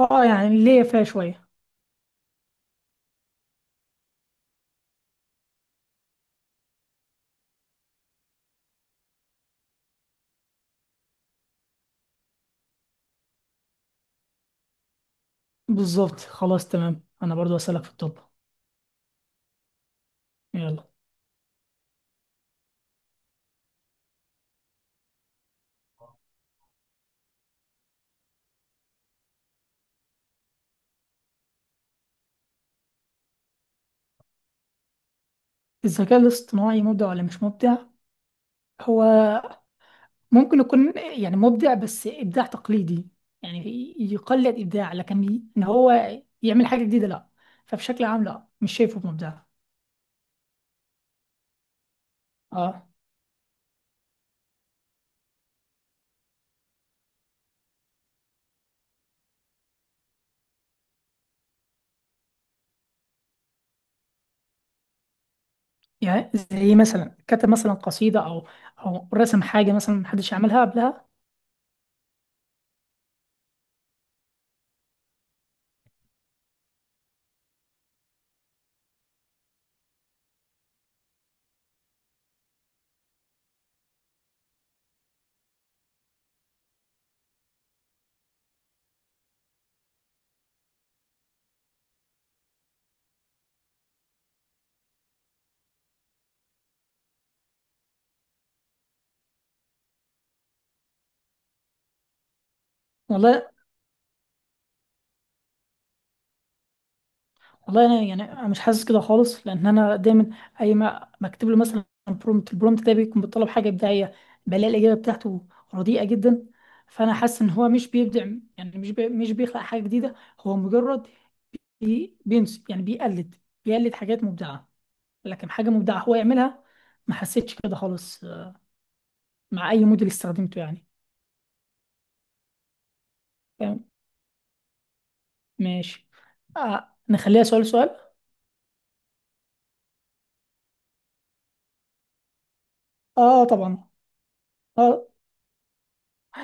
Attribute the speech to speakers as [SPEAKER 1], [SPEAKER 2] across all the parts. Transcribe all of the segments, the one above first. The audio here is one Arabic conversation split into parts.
[SPEAKER 1] اه، يعني ليا فيها شوية. بالظبط، خلاص تمام. انا برضو اسألك في الطب. يلا. الذكاء الاصطناعي مبدع ولا مش مبدع؟ هو ممكن يكون يعني مبدع، بس ابداع تقليدي. يعني يقلد ابداع، لكن ان هو يعمل حاجة جديدة، لا. فبشكل عام، لا، مش شايفه مبدع. اه، يعني زي مثلا كتب مثلا قصيدة او رسم حاجة مثلا محدش عملها قبلها؟ والله، والله انا يعني أنا مش حاسس كده خالص، لان انا دايما اي ما بكتب له مثلا برومت، البرومت ده بيكون بيطلب حاجه ابداعيه، بلاقي الاجابه بتاعته رديئه جدا. فانا حاسس ان هو مش بيبدع، يعني مش بيخلق حاجه جديده. هو مجرد بينس، يعني بيقلد، بيقلد حاجات مبدعه، لكن حاجه مبدعه هو يعملها ما حسيتش كده خالص مع اي موديل استخدمته يعني. فاهم. ماشي. نخليها سؤال سؤال. اه طبعا. اه.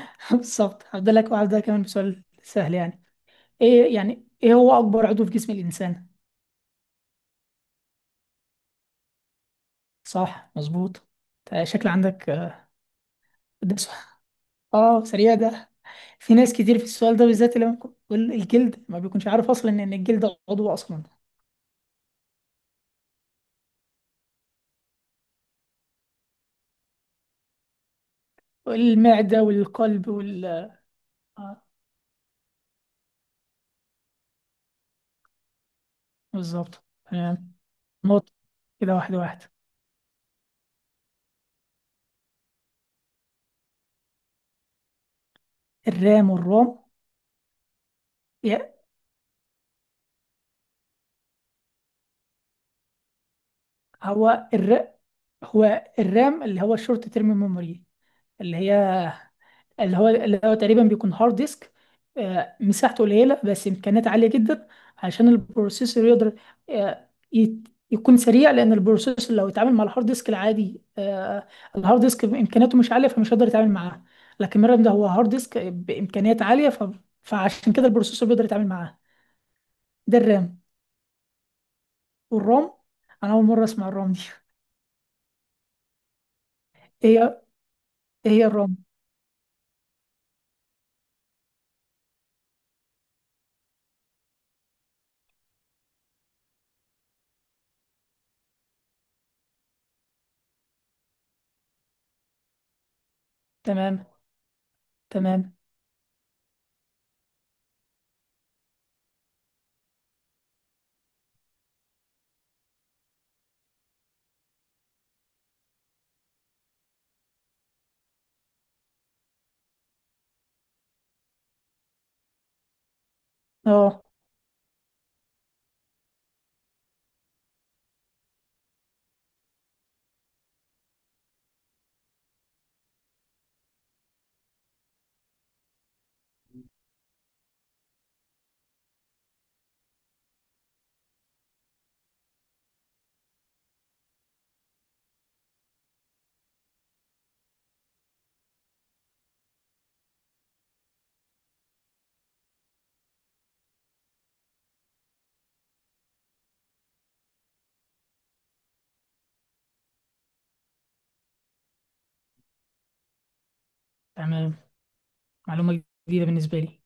[SPEAKER 1] بالظبط، هبدأ لك، وهبدأ كمان بسؤال سهل يعني. ايه هو اكبر عضو في جسم الانسان؟ صح، مظبوط. شكل عندك ده سؤال. اه، سريع ده. في ناس كتير في السؤال ده بالذات اللي بيقول الجلد ما بيكونش عارف اصلا ان الجلد عضو اصلا. المعده والقلب وال آه، بالظبط. تمام. نقطة. كده واحد واحد. الرام والروم؟ يا- هو الر... هو الرام اللي هو الشورت تيرم ميموري، اللي هي اللي هو تقريبا بيكون هارد ديسك، مساحته قليلة بس إمكانيات عالية جدا، عشان البروسيسور يقدر يكون سريع. لأن البروسيسور لو اتعامل مع الهارد ديسك العادي الهارد ديسك إمكانياته مش عالية، فمش هيقدر يتعامل معاه. لكن مرة ده هو هارد ديسك بإمكانيات عالية، فعشان كده البروسيسور بيقدر يتعامل معاه. ده الرام. والرام، أنا أول مرة أسمع الرام دي. إيه هي إيه هي الرام؟ تمام. تمام. أه. تمام. معلومة جديدة بالنسبة لي.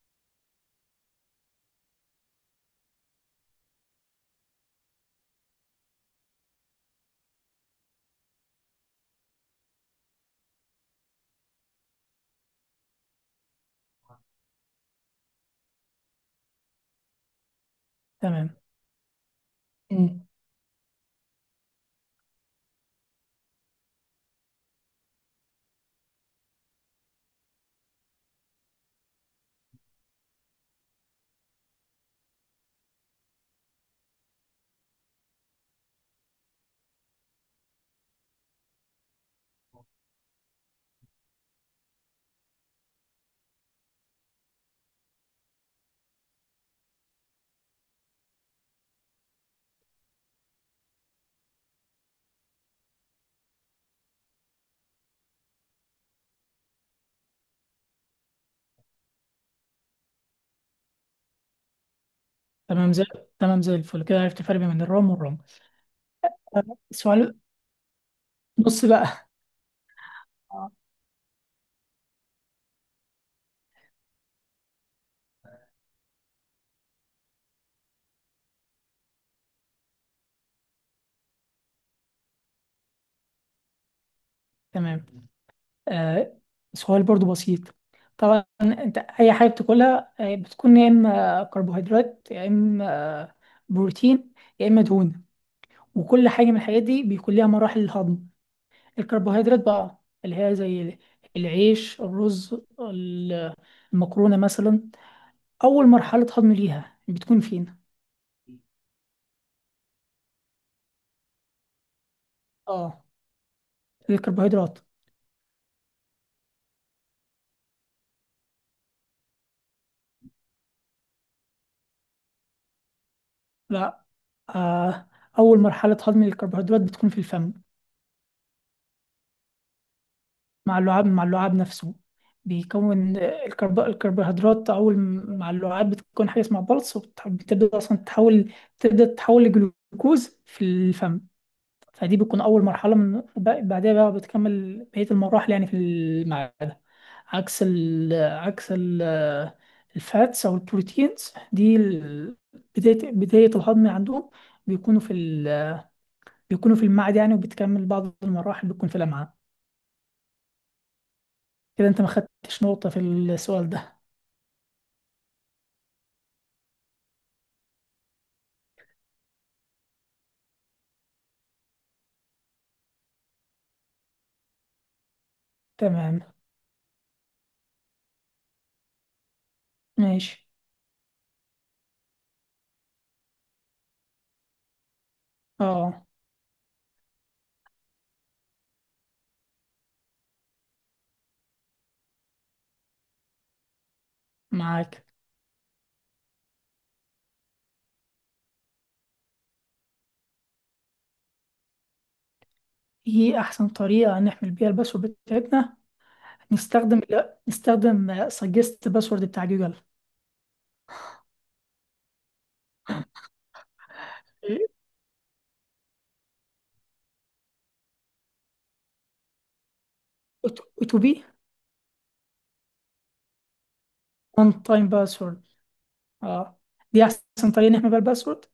[SPEAKER 1] تمام. تمام زي تمام زي الفل كده عرفت الفرق بين الرام والرام. آه، سؤال. نص بقى. آه. تمام. آه، سؤال برضو بسيط. طبعا، انت اي حاجه بتاكلها بتكون يا اما كربوهيدرات، يا اما آه، بروتين، يا اما دهون. وكل حاجه من الحاجات دي بيكون ليها مراحل الهضم. الكربوهيدرات بقى، اللي هي زي العيش، الرز، ال- المكرونه مثلا، اول مرحله هضم ليها بتكون فين؟ اه، الكربوهيدرات. لا، آه، أول مرحلة هضم الكربوهيدرات بتكون في الفم. مع اللعاب نفسه. بيكون الكربوهيدرات أول مع اللعاب بتكون حاجة اسمها بلس، وبتبدأ أصلا تتحول، تبدأ تتحول لجلوكوز في الفم. فدي بتكون أول مرحلة. بعدها بقى بتكمل بقية المراحل يعني في المعدة. عكس ال... عكس ال... آه، الفاتس أو البروتينز، دي بداية، الهضم عندهم بيكونوا في بيكونوا في المعاد يعني، وبتكمل بعض المراحل بتكون في الأمعاء. كده أنت ما خدتش نقطة في السؤال ده. تمام. ماشي. أه، معاك. إيه أحسن طريقة نحمل بيها الباسورد بتاعتنا؟ نستخدم، لا، نستخدم سجست باسورد بتاع جوجل. تو بي، وان تايم باسورد. أه، دي أحسن طريقة نحمل بيها الباسورد.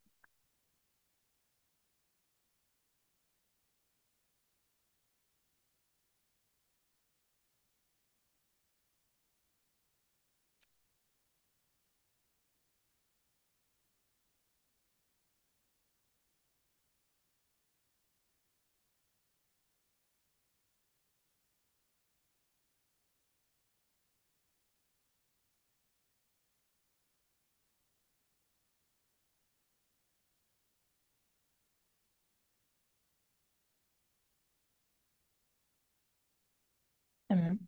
[SPEAKER 1] تمام.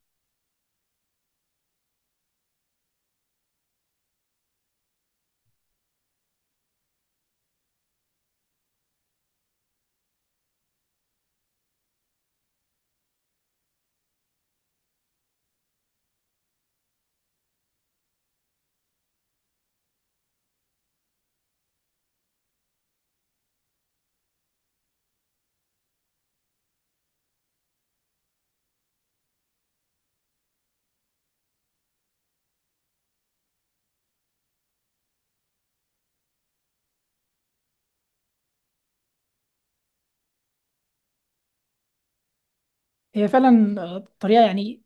[SPEAKER 1] هي فعلا طريقة يعني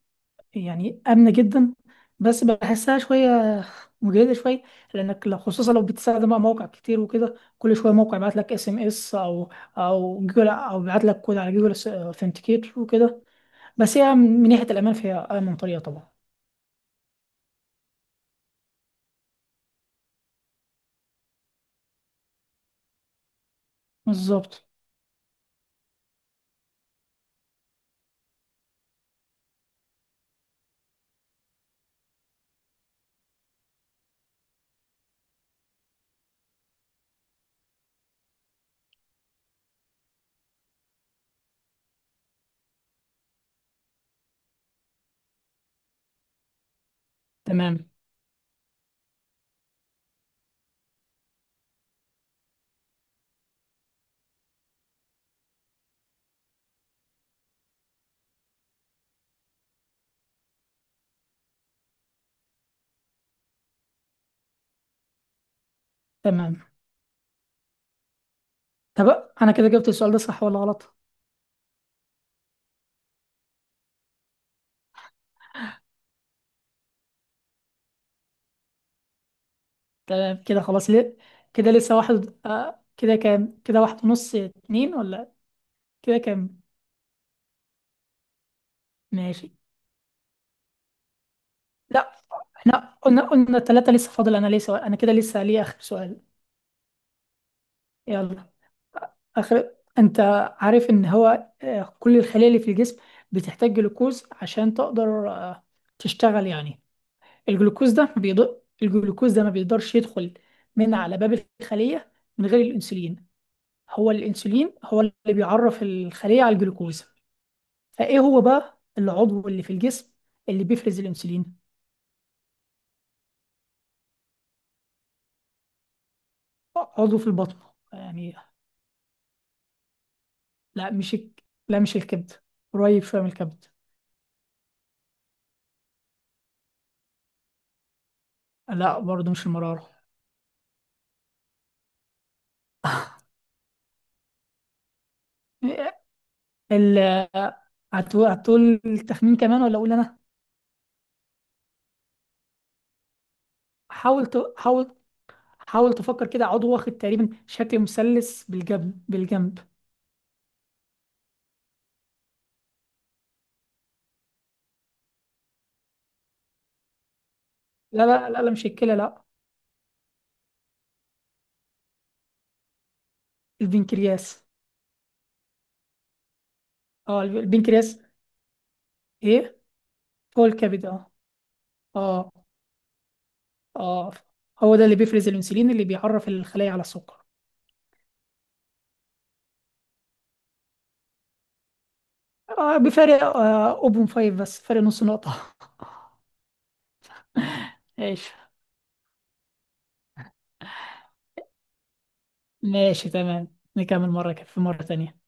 [SPEAKER 1] يعني آمنة جدا، بس بحسها شوية مجهدة شوية. لأنك لو، خصوصا لو بتستخدم بقى موقع كتير وكده، كل شوية موقع يبعت لك اس ام اس أو جوجل، أو يبعت لك كود على جوجل اوثنتيكيت وكده. بس هي من ناحية الأمان فهي أأمن طريقة طبعا. بالظبط. تمام. تمام. طب أنا كده جبت السؤال ده صح ولا غلط؟ تمام، كده خلاص ليه. كده لسه واحد. كده كام؟ كده واحد ونص اتنين ولا؟ كده كام؟ ماشي. لا، احنا قلنا ثلاثة، لسه فاضل انا ليه سؤال. انا كده لسه ليه اخر سؤال. يلا. انت عارف ان هو كل الخلايا اللي في الجسم بتحتاج جلوكوز عشان تقدر تشتغل يعني. الجلوكوز ده ما بيقدرش يدخل من على باب الخلية من غير الانسولين. هو الانسولين هو اللي بيعرف الخلية على الجلوكوز. فايه هو بقى العضو اللي في الجسم اللي بيفرز الانسولين؟ عضو في البطن يعني. لا، مش الكبد. قريب شوية من الكبد. لا، برضه مش المرارة. ال هتقول التخمين كمان ولا اقول انا؟ حاول ت... حاول حاول تفكر كده. عضو واخد تقريبا شكل مثلث بالجنب، بالجنب. لا لا لا, لا مش الكلى، لا. البنكرياس. اه، البنكرياس. ايه. هو الكبد، اه. اه اه هو ده اللي بيفرز الانسولين اللي بيعرف الخلايا على السكر. بفارق 0.5 بس، فارق نص نقطة. ايش. ماشي، تمام، نكمل مرة في مرة تانية.